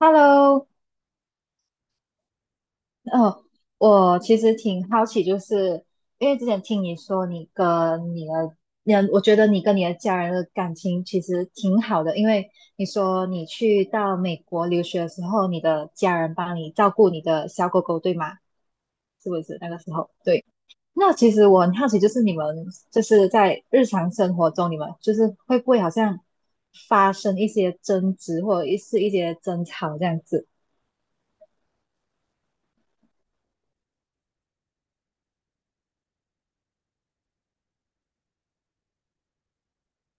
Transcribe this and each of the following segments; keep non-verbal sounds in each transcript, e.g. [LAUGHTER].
Hello，哦，我其实挺好奇，就是因为之前听你说你的我觉得你跟你的家人的感情其实挺好的，因为你说你去到美国留学的时候，你的家人帮你照顾你的小狗狗，对吗？是不是那个时候？对，那其实我很好奇，就是你们就是在日常生活中，你们就是会不会好像发生一些争执，或者是一些争吵这样子？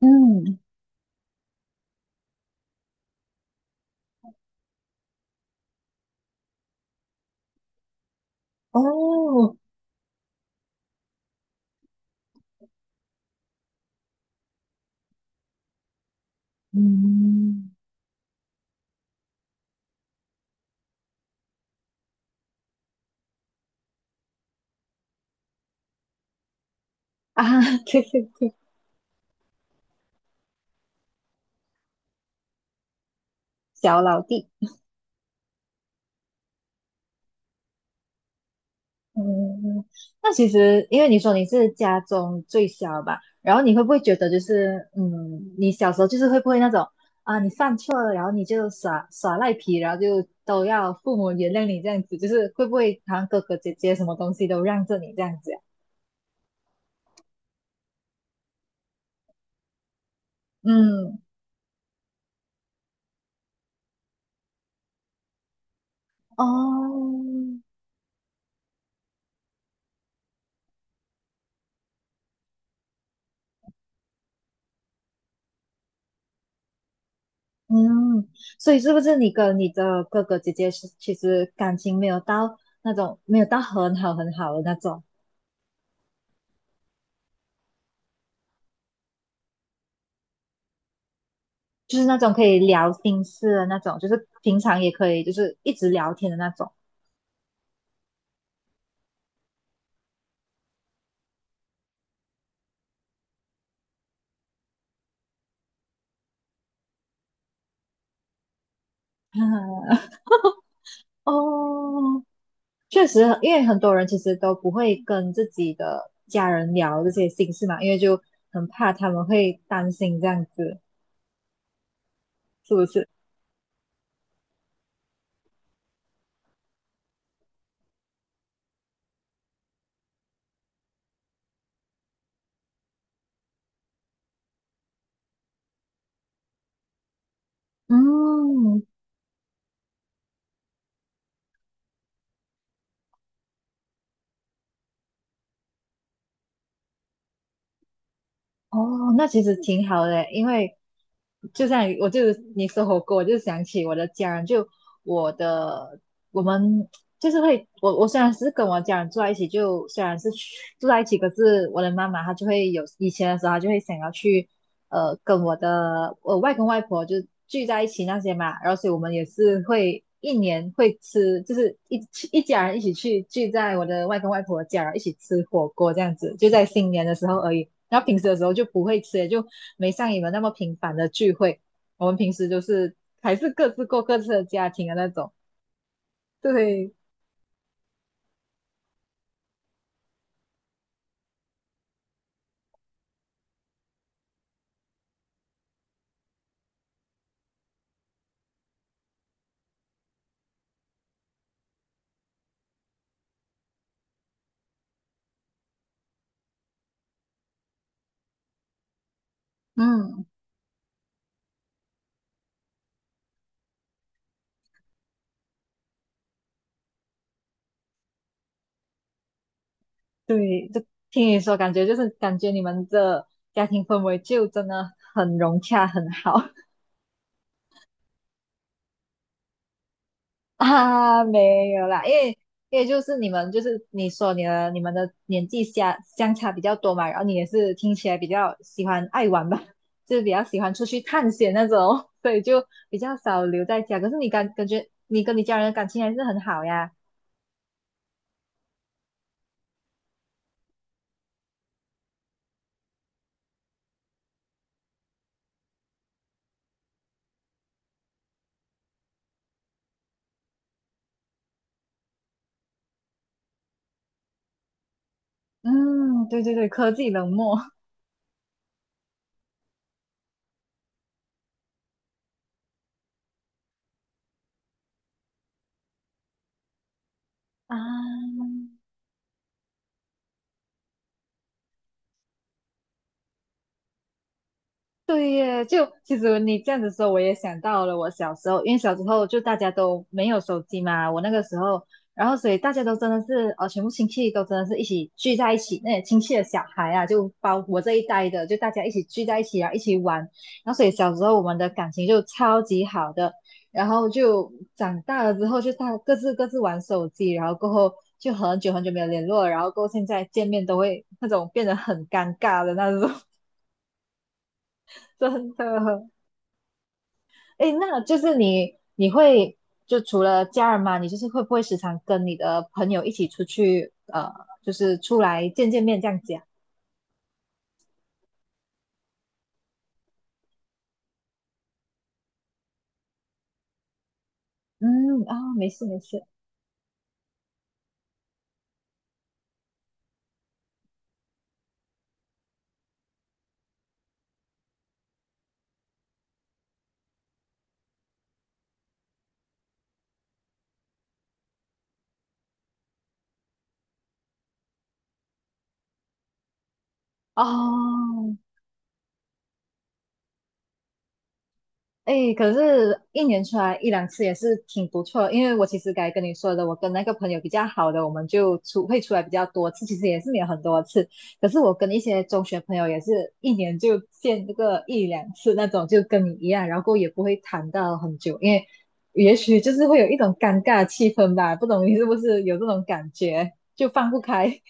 嗯，哦，嗯，啊，[LAUGHS] 对对对，小老弟。嗯，嗯那其实因为你说你是家中最小吧，然后你会不会觉得就是，嗯，你小时候就是会不会那种啊，你犯错了，然后你就耍赖皮，然后就都要父母原谅你这样子，就是会不会好像哥哥姐姐什么东西都让着你这样子呀？嗯，哦，嗯，所以是不是你跟你的哥哥姐姐是其实感情没有到那种没有到很好很好的那种？就是那种可以聊心事的那种，就是平常也可以就是一直聊天的那种。[LAUGHS] 哦，确实，因为很多人其实都不会跟自己的家人聊这些心事嘛，因为就很怕他们会担心这样子，是不是？嗯，哦，那其实挺好的，因为就像我就是你说火锅，我就想起我的家人，就我的我们就是会，我虽然是跟我家人住在一起，就虽然是去住在一起，可是我的妈妈她就会有以前的时候，她就会想要去跟我外公外婆就聚在一起那些嘛，然后所以我们也是会一年会吃，一家人一起去聚在我的外公外婆家，然后一起吃火锅这样子，就在新年的时候而已。然后平时的时候就不会吃，也就没像你们那么频繁的聚会。我们平时就是还是各自过各自的家庭的那种。对，嗯，对，就听你说，感觉感觉你们的家庭氛围就真的很融洽，很好。[LAUGHS] 啊，没有啦，因为因为就是你们就是你说你的你们的年纪相差比较多嘛，然后你也是听起来比较喜欢爱玩吧，[LAUGHS] 就是比较喜欢出去探险那种，[LAUGHS] 所以就比较少留在家。可是你感觉你跟你家人的感情还是很好呀。嗯，对对对，科技冷漠 [LAUGHS] 啊，对耶，就其实你这样子说，我也想到了我小时候，因为小时候就大家都没有手机嘛，我那个时候，然后所以大家都真的是，全部亲戚都真的是一起聚在一起，那些亲戚的小孩啊，就包我这一代的，就大家一起聚在一起啊，一起玩，然后所以小时候我们的感情就超级好的，然后就长大了之后就大各自玩手机，然后过后就很久很久没有联络了，然后过后现在见面都会那种变得很尴尬的那种，[LAUGHS] 真的。哎，那就是你会就除了家人嘛，你就是会不会时常跟你的朋友一起出去，就是出来见面这样子啊？嗯，啊、没事没事，哦，哎，可是，一年出来一两次也是挺不错的，因为我其实该跟你说的，我跟那个朋友比较好的，我们就出来比较多次，其实也是没有很多次。可是我跟一些中学朋友也是一年就见这个一两次那种，就跟你一样，然后也不会谈到很久，因为也许就是会有一种尴尬的气氛吧，不懂你是不是有这种感觉，就放不开。[LAUGHS]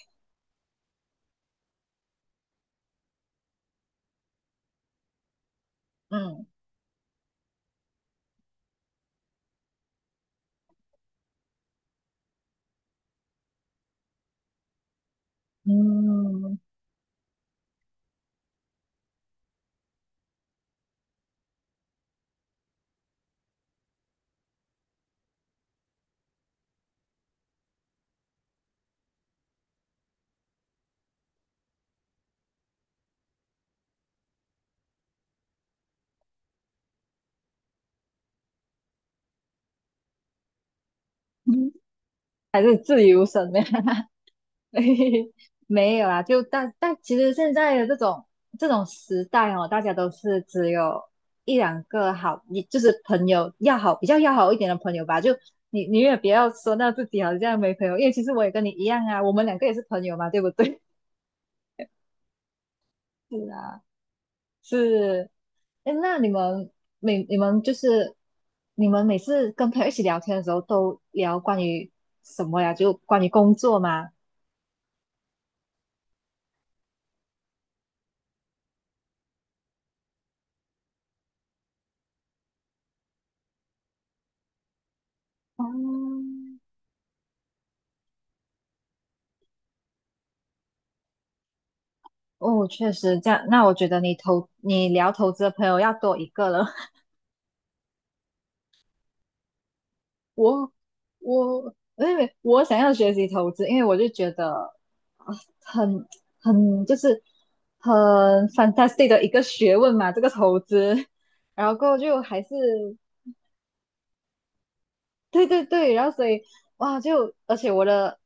嗯嗯，[LAUGHS] 还是自由身呗。[LAUGHS] [LAUGHS] 没有啊，就但但其实现在的这种时代哦，大家都是只有一两个好，你就是朋友要好，比较要好一点的朋友吧。就你也不要说到自己好像没朋友，因为其实我也跟你一样啊，我们两个也是朋友嘛，对不对？[LAUGHS] 是啊，是。哎，那你们你们就是你们每次跟朋友一起聊天的时候，都聊关于什么呀？就关于工作吗？哦哦，确实这样。那我觉得你你聊投资的朋友要多一个了。[LAUGHS] 我我因为我想要学习投资，因为我就觉得啊，很很就是很 fantastic 的一个学问嘛，这个投资。[LAUGHS] 然后过后就还是对对对，然后所以哇，就而且我的，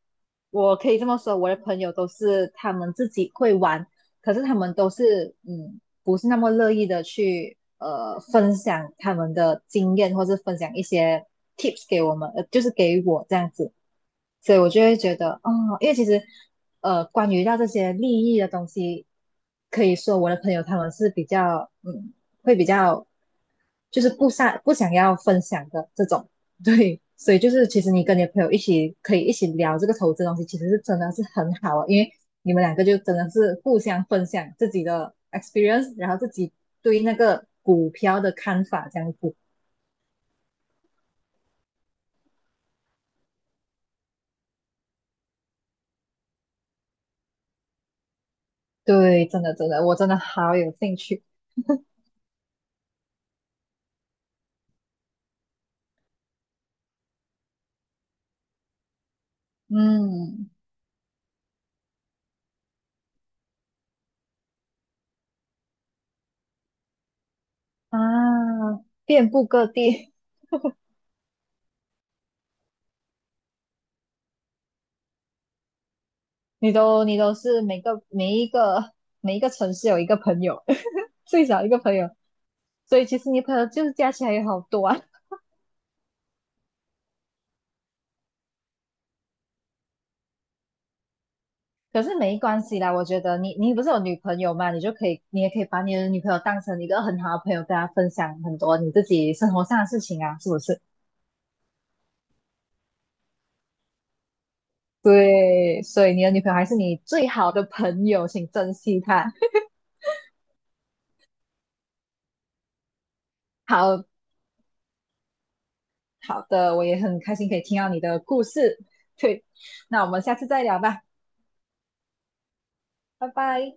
我可以这么说，我的朋友都是他们自己会玩，可是他们都是嗯，不是那么乐意的去分享他们的经验，或是分享一些 tips 给我们，呃，就是给我这样子，所以我就会觉得哦，因为其实关于到这些利益的东西，可以说我的朋友他们是比较嗯，会比较就是不想要分享的这种。对，所以就是其实你跟你的朋友一起可以一起聊这个投资的东西，其实是真的是很好啊，因为你们两个就真的是互相分享自己的 experience，然后自己对那个股票的看法这样子。对，真的真的，我真的好有兴趣。嗯啊，遍布各地，你都是每一个每一个城市有一个朋友，[LAUGHS] 最少一个朋友，所以其实你朋友就是加起来有好多啊。可是没关系啦，我觉得你不是有女朋友嘛，你就可以，你也可以把你的女朋友当成一个很好的朋友，跟她分享很多你自己生活上的事情啊，是不是？对，所以你的女朋友还是你最好的朋友，请珍惜她。好好的，我也很开心可以听到你的故事。对，那我们下次再聊吧，拜拜。